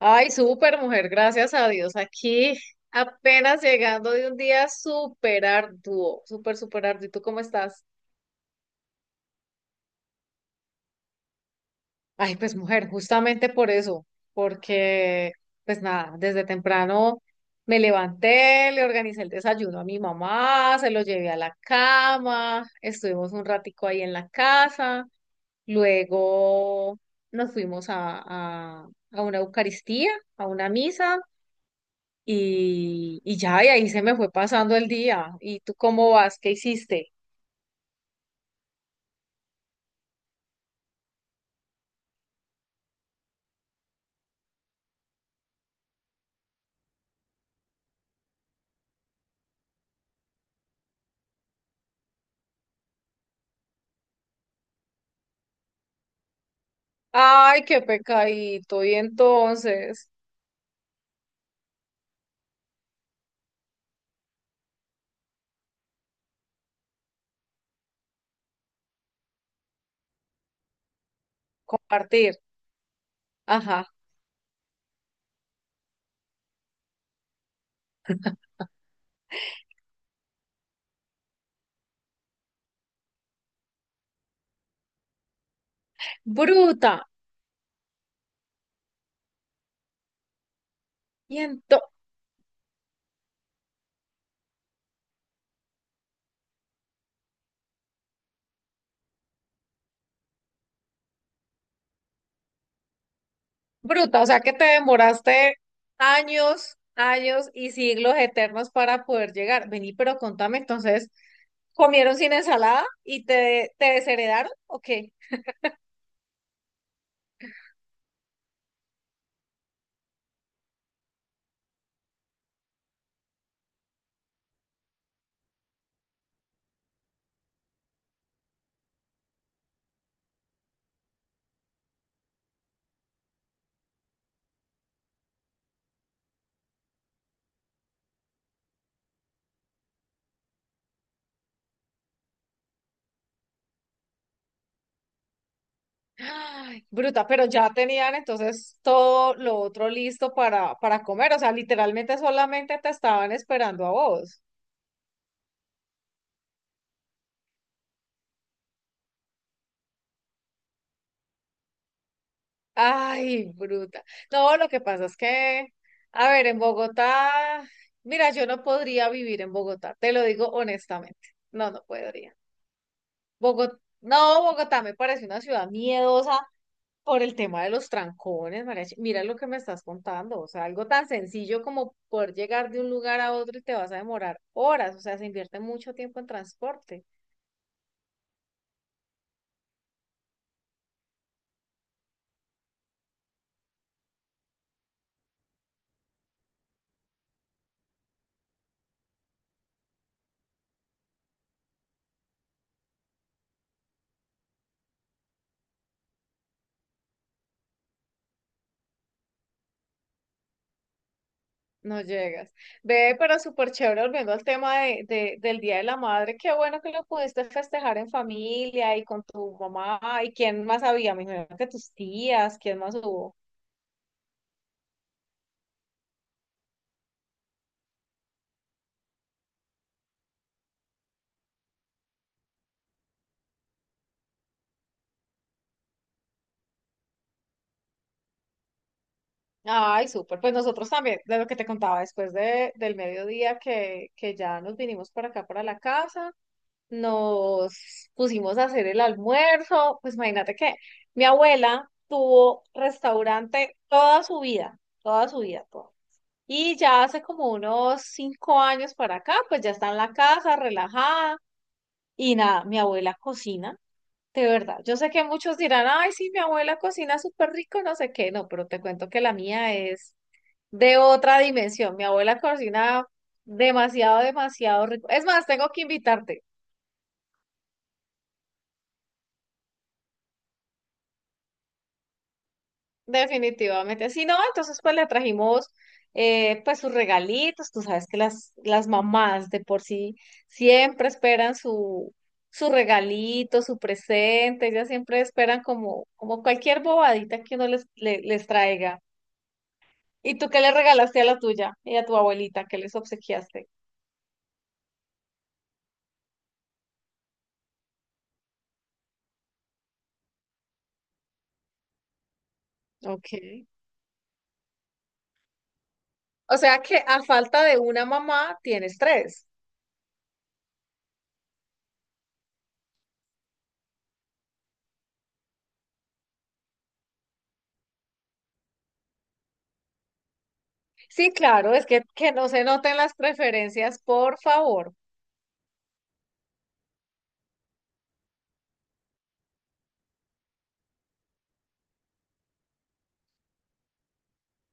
Ay, súper mujer, gracias a Dios. Aquí apenas llegando de un día súper arduo, súper, súper arduo. ¿Y tú cómo estás? Ay, pues mujer, justamente por eso, porque pues nada, desde temprano me levanté, le organicé el desayuno a mi mamá, se lo llevé a la cama, estuvimos un ratico ahí en la casa, luego nos fuimos a una Eucaristía, a una misa. Y ya, y ahí se me fue pasando el día. ¿Y tú cómo vas? ¿Qué hiciste? Ay, qué pecadito. Y entonces, compartir. Ajá. Bruta. Y ento- Bruta, o sea que te demoraste años, años y siglos eternos para poder llegar. Vení, pero contame entonces, ¿comieron sin ensalada y te desheredaron? ¿O qué? Ay, bruta, pero ya tenían entonces todo lo otro listo para comer, o sea, literalmente solamente te estaban esperando a vos. Ay, bruta. No, lo que pasa es que, a ver, en Bogotá, mira, yo no podría vivir en Bogotá, te lo digo honestamente, no, no podría. Bogotá, no, Bogotá me parece una ciudad miedosa. Por el tema de los trancones, Mariachi. Mira lo que me estás contando. O sea, algo tan sencillo como poder llegar de un lugar a otro y te vas a demorar horas. O sea, se invierte mucho tiempo en transporte. No llegas. Ve, pero súper chévere, volviendo al tema del Día de la Madre. Qué bueno que lo pudiste festejar en familia y con tu mamá. ¿Y quién más había? Me imagino que tus tías. ¿Quién más hubo? Ay, súper. Pues nosotros también, de lo que te contaba después del mediodía que ya nos vinimos para acá, para la casa. Nos pusimos a hacer el almuerzo. Pues imagínate que mi abuela tuvo restaurante toda su vida, toda su vida, toda. Y ya hace como unos 5 años para acá, pues ya está en la casa, relajada. Y nada, mi abuela cocina, de verdad. Yo sé que muchos dirán, ay, sí, mi abuela cocina súper rico, no sé qué, no, pero te cuento que la mía es de otra dimensión. Mi abuela cocina demasiado, demasiado rico. Es más, tengo que invitarte. Definitivamente. Si no, entonces pues le trajimos pues sus regalitos. Tú sabes que las mamás de por sí siempre esperan su, regalito, su presente. Ellas siempre esperan como, como cualquier bobadita que uno les traiga. ¿Y tú qué le regalaste a la tuya y a tu abuelita? ¿Qué les obsequiaste? Ok. O sea que a falta de una mamá tienes tres. Sí, claro, es que no se noten las preferencias, por favor.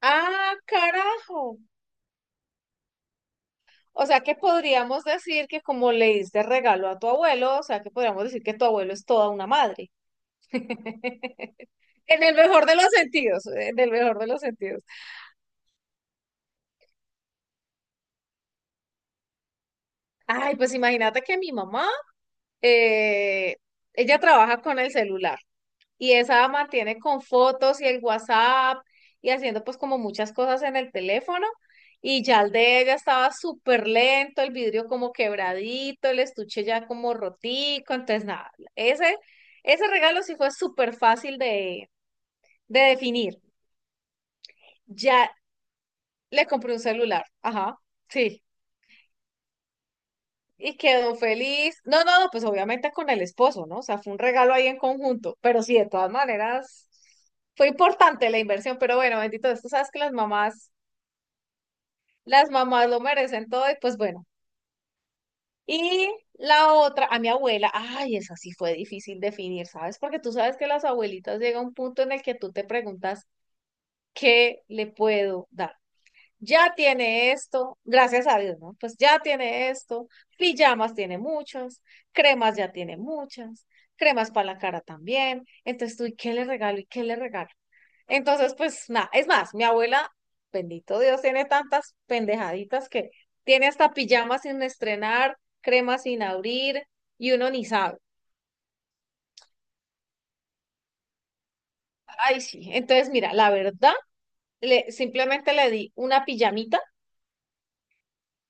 Ah, carajo. O sea que podríamos decir que como le diste regalo a tu abuelo, o sea que podríamos decir que tu abuelo es toda una madre. En el mejor de los sentidos, en el mejor de los sentidos. Ay, pues imagínate que mi mamá, eh, ella trabaja con el celular y esa mantiene con fotos y el WhatsApp y haciendo pues como muchas cosas en el teléfono. Y ya el de ella estaba súper lento, el vidrio como quebradito, el estuche ya como rotico. Entonces, nada, ese, regalo sí fue súper fácil de definir. Ya le compré un celular. Ajá, sí. Y quedó feliz. No, no, no, pues obviamente con el esposo, ¿no? O sea, fue un regalo ahí en conjunto. Pero sí, de todas maneras, fue importante la inversión. Pero bueno, bendito Dios, tú sabes que las mamás lo merecen todo y pues bueno. Y la otra, a mi abuela, ay, esa sí fue difícil definir, ¿sabes? Porque tú sabes que las abuelitas llega un punto en el que tú te preguntas, ¿qué le puedo dar? Ya tiene esto, gracias a Dios, ¿no? Pues ya tiene esto, pijamas tiene muchas, cremas ya tiene muchas, cremas para la cara también. Entonces tú, ¿y qué le regalo? ¿Y qué le regalo? Entonces, pues nada, es más, mi abuela, bendito Dios, tiene tantas pendejaditas que tiene hasta pijamas sin estrenar, cremas sin abrir. Y uno ni sabe. Ay, sí. Entonces, mira, la verdad, le, simplemente le di una pijamita.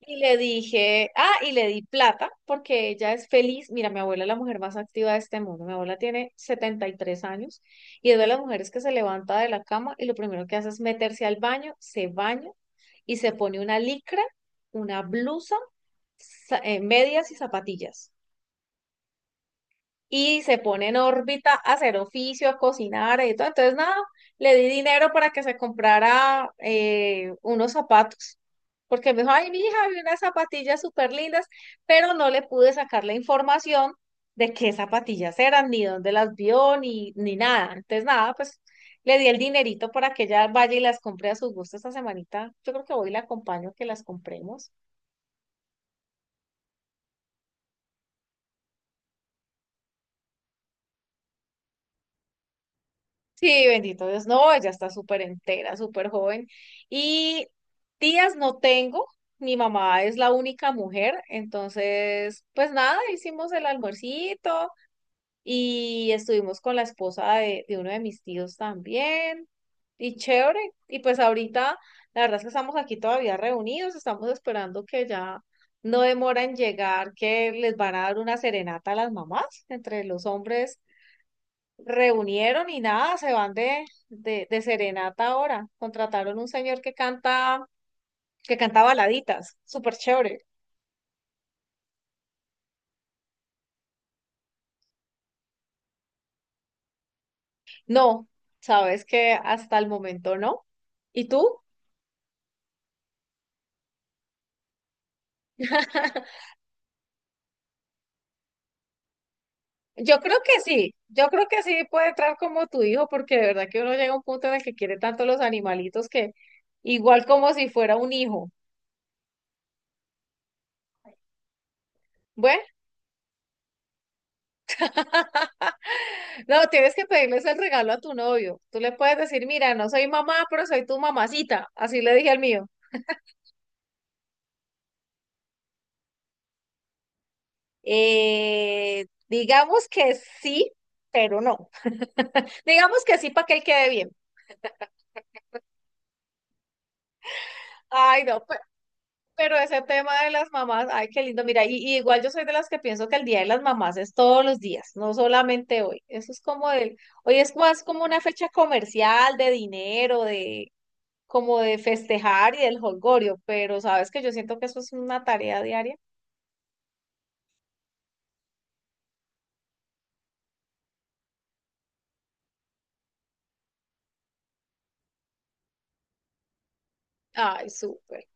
Y le dije, ah, y le di plata porque ella es feliz. Mira, mi abuela es la mujer más activa de este mundo. Mi abuela tiene 73 años y es de las mujeres que se levanta de la cama y lo primero que hace es meterse al baño, se baña y se pone una licra, una blusa, medias y zapatillas y se pone en órbita a hacer oficio, a cocinar y todo. Entonces, nada, le di dinero para que se comprara unos zapatos, porque me dijo, ay, mi hija, vi unas zapatillas súper lindas, pero no le pude sacar la información de qué zapatillas eran, ni dónde las vio, ni nada. Entonces, nada, pues le di el dinerito para que ella vaya y las compre a su gusto esta semanita. Yo creo que voy y la acompaño que las compremos. Sí, bendito Dios, no, ella está súper entera, súper joven. Y tías no tengo, mi mamá es la única mujer, entonces, pues nada, hicimos el almuercito y estuvimos con la esposa de uno de mis tíos también, y chévere. Y pues ahorita, la verdad es que estamos aquí todavía reunidos, estamos esperando que ya no demora en llegar, que les van a dar una serenata a las mamás entre los hombres reunieron y nada, se van de serenata ahora. Contrataron un señor que canta baladitas, súper chévere. No, sabes que hasta el momento no. ¿Y tú? Yo creo que sí, yo creo que sí puede entrar como tu hijo, porque de verdad que uno llega a un punto en el que quiere tanto los animalitos que igual como si fuera un hijo. Bueno, no, tienes que pedirles el regalo a tu novio. Tú le puedes decir, mira, no soy mamá, pero soy tu mamacita. Así le dije al mío. Digamos que sí, pero no. Digamos que sí para que él quede bien. Ay, no, pero ese tema de las mamás, ay, qué lindo. Mira, y igual yo soy de las que pienso que el Día de las Mamás es todos los días, no solamente hoy. Eso es como el, hoy es más como una fecha comercial de dinero, de como de festejar y del holgorio, pero sabes que yo siento que eso es una tarea diaria. Ay, súper.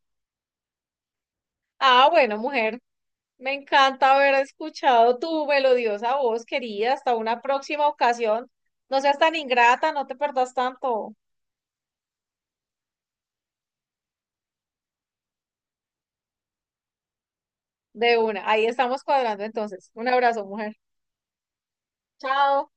Ah, bueno, mujer. Me encanta haber escuchado tu melodiosa voz, querida. Hasta una próxima ocasión. No seas tan ingrata, no te perdas tanto de una. Ahí estamos cuadrando entonces. Un abrazo, mujer. Chao.